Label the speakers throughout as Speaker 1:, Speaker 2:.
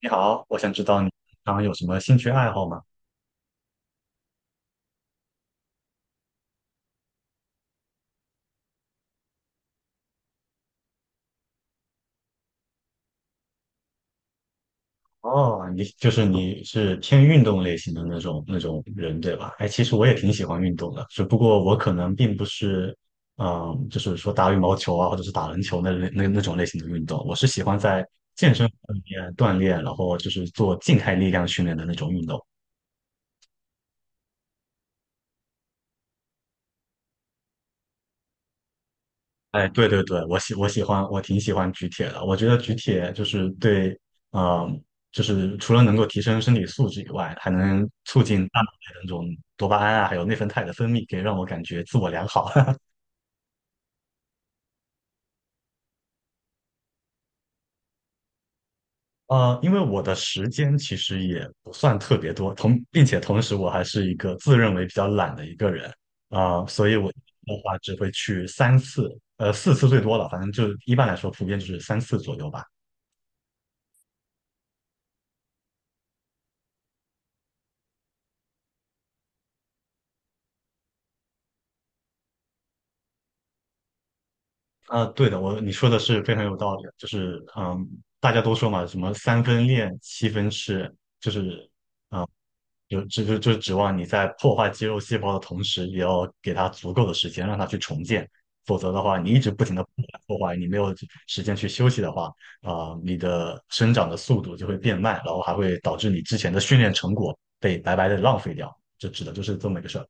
Speaker 1: 你好，我想知道你平常有什么兴趣爱好吗？哦，你是偏运动类型的那种人，对吧？哎，其实我也挺喜欢运动的，只不过我可能并不是，就是说打羽毛球啊，或者是打篮球那种类型的运动。我是喜欢在健身房里面锻炼，然后就是做静态力量训练的那种运动。哎，对对对，我喜欢，我挺喜欢举铁的。我觉得举铁就是对，嗯、就是除了能够提升身体素质以外，还能促进大脑的那种多巴胺啊，还有内啡肽的分泌，可以让我感觉自我良好。因为我的时间其实也不算特别多，并且同时我还是一个自认为比较懒的一个人，所以我的话只会去三次，四次最多了，反正就一般来说普遍就是三次左右吧。啊，对的，你说的是非常有道理的，就是大家都说嘛，什么三分练，七分吃，就是有这就就指望你在破坏肌肉细胞的同时，也要给它足够的时间让它去重建，否则的话，你一直不停的破坏，你没有时间去休息的话，你的生长的速度就会变慢，然后还会导致你之前的训练成果被白白的浪费掉，这指的就是这么一个事儿。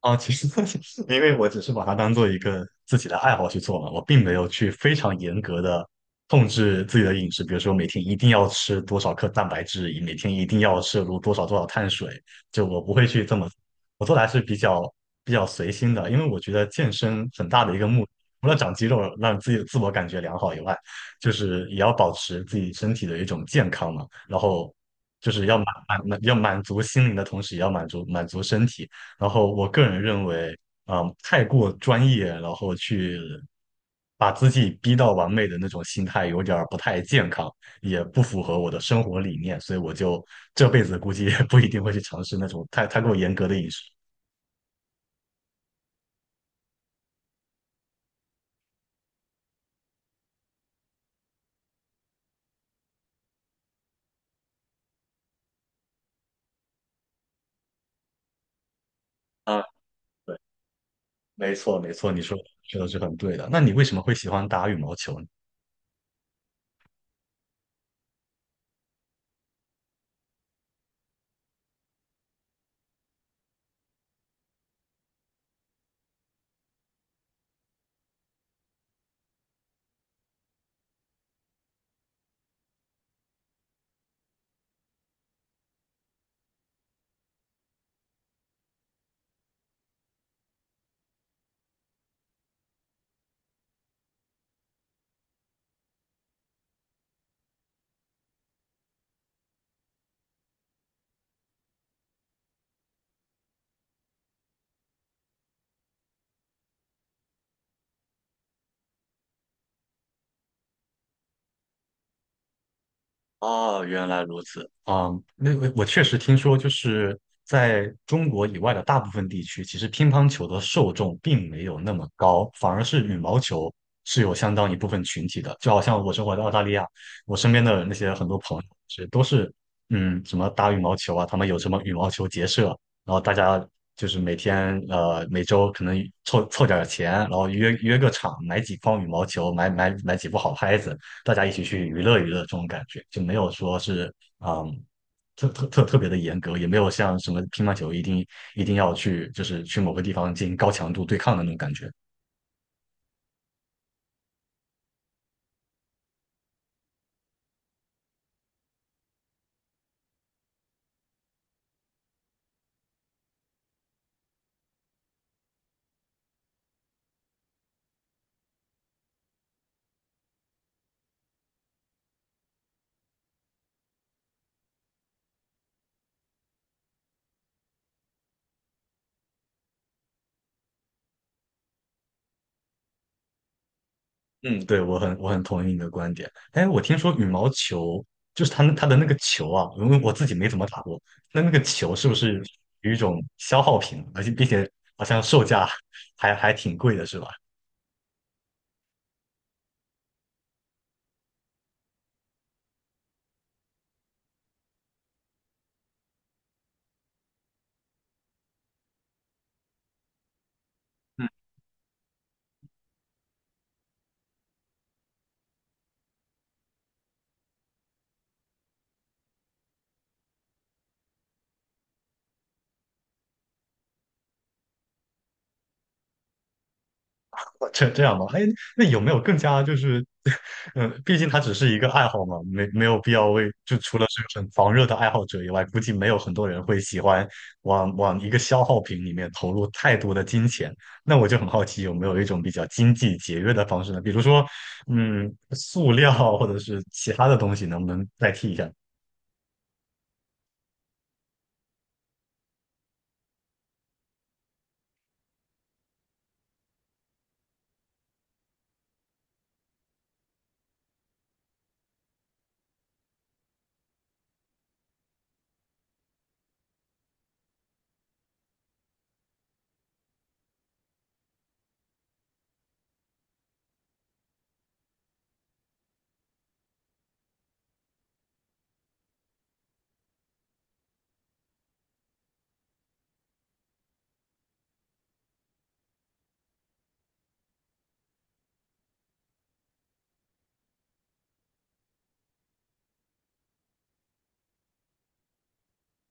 Speaker 1: 啊，其实 因为我只是把它当做一个自己的爱好去做嘛，我并没有去非常严格的控制自己的饮食，比如说每天一定要吃多少克蛋白质，以每天一定要摄入多少多少碳水，就我不会去这么，我做的还是比较随心的，因为我觉得健身很大的一个目的除了长肌肉，让自己自我感觉良好以外，就是也要保持自己身体的一种健康嘛，然后。就是要满满满要满足心灵的同时，也要满足满足身体，然后我个人认为，太过专业，然后去把自己逼到完美的那种心态，有点儿不太健康，也不符合我的生活理念，所以我就这辈子估计也不一定会去尝试那种太过严格的饮食。啊，对，没错，没错，你说的是很对的。那你为什么会喜欢打羽毛球呢？哦，原来如此。那我确实听说，就是在中国以外的大部分地区，其实乒乓球的受众并没有那么高，反而是羽毛球是有相当一部分群体的。就好像我生活在澳大利亚，我身边的那些很多朋友是都是，什么打羽毛球啊，他们有什么羽毛球结社，然后大家就是每周可能凑凑点儿钱，然后约约个场，买几筐羽毛球，买几副好拍子。大家一起去娱乐娱乐这种感觉，就没有说是嗯特别的严格，也没有像什么乒乓球一定要去就是去某个地方进行高强度对抗的那种感觉。嗯，对，我很同意你的观点。哎，我听说羽毛球就是它的那个球啊，因为我自己没怎么打过，那个球是不是有一种消耗品，而且并且好像售价还挺贵的，是吧？这样吧，哎，那有没有更加就是，毕竟它只是一个爱好嘛，没有必要为，就除了是个很狂热的爱好者以外，估计没有很多人会喜欢往往一个消耗品里面投入太多的金钱。那我就很好奇，有没有一种比较经济节约的方式呢？比如说，塑料或者是其他的东西，能不能代替一下？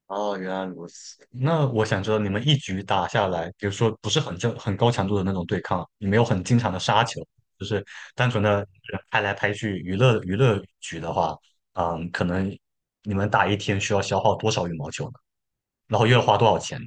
Speaker 1: 哦，原来如此。那我想知道，你们一局打下来，比如说不是很正、很高强度的那种对抗，你没有很经常的杀球，就是单纯的人拍来拍去娱乐娱乐局的话，可能你们打一天需要消耗多少羽毛球呢？然后又要花多少钱？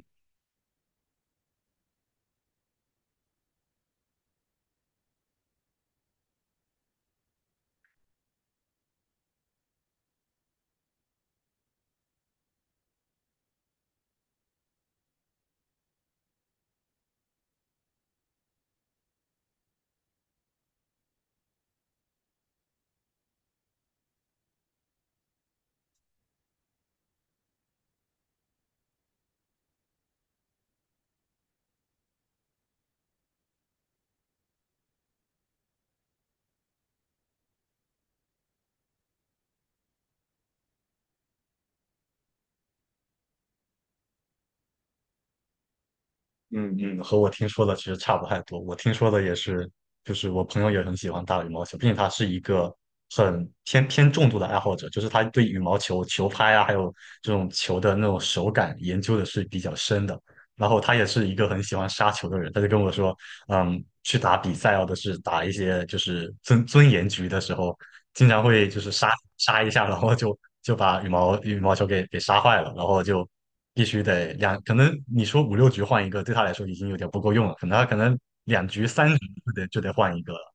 Speaker 1: 嗯嗯，和我听说的其实差不太多。我听说的也是，就是我朋友也很喜欢打羽毛球，并且他是一个很偏重度的爱好者，就是他对羽毛球球拍啊，还有这种球的那种手感研究的是比较深的。然后他也是一个很喜欢杀球的人，他就跟我说，去打比赛要的是打一些就是尊严局的时候，经常会就是杀 杀一下，然后就把羽毛球给杀坏了，然后就必须得可能你说五六局换一个，对他来说已经有点不够用了，可能他可能两局三局就得换一个了。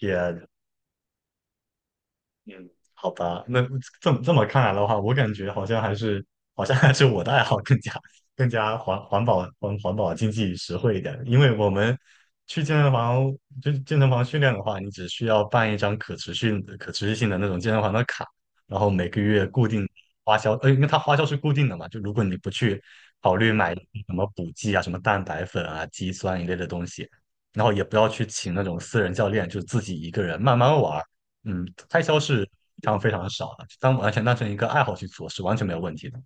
Speaker 1: 也嗯，好吧，那这么看来的话，我感觉好像还是我的爱好更加环保经济实惠一点，因为我们去健身房就健身房训练的话，你只需要办一张可持续性的那种健身房的卡，然后每个月固定花销，因为它花销是固定的嘛，就如果你不去考虑买什么补剂啊、什么蛋白粉啊、肌酸一类的东西，然后也不要去请那种私人教练，就自己一个人慢慢玩。开销是非常非常少的，当完全当成一个爱好去做是完全没有问题的。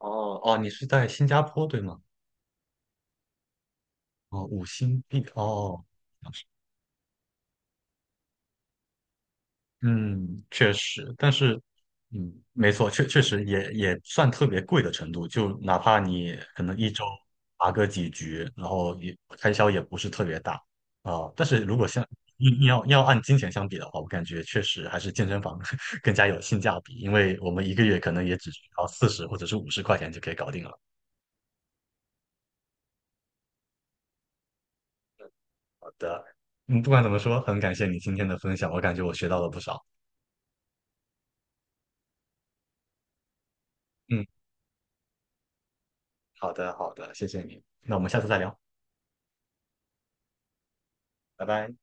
Speaker 1: 哦哦，你是在新加坡对吗？哦，五星币哦，哦嗯，确实，但是，没错，确实也算特别贵的程度，就哪怕你可能一周打个几局，然后也开销也不是特别大啊，但是如果像你要按金钱相比的话，我感觉确实还是健身房 更加有性价比，因为我们一个月可能也只需要40或者是50块钱就可以搞定了。好的，不管怎么说，很感谢你今天的分享，我感觉我学到了不少。嗯，好的，好的，谢谢你，那我们下次再聊，拜拜。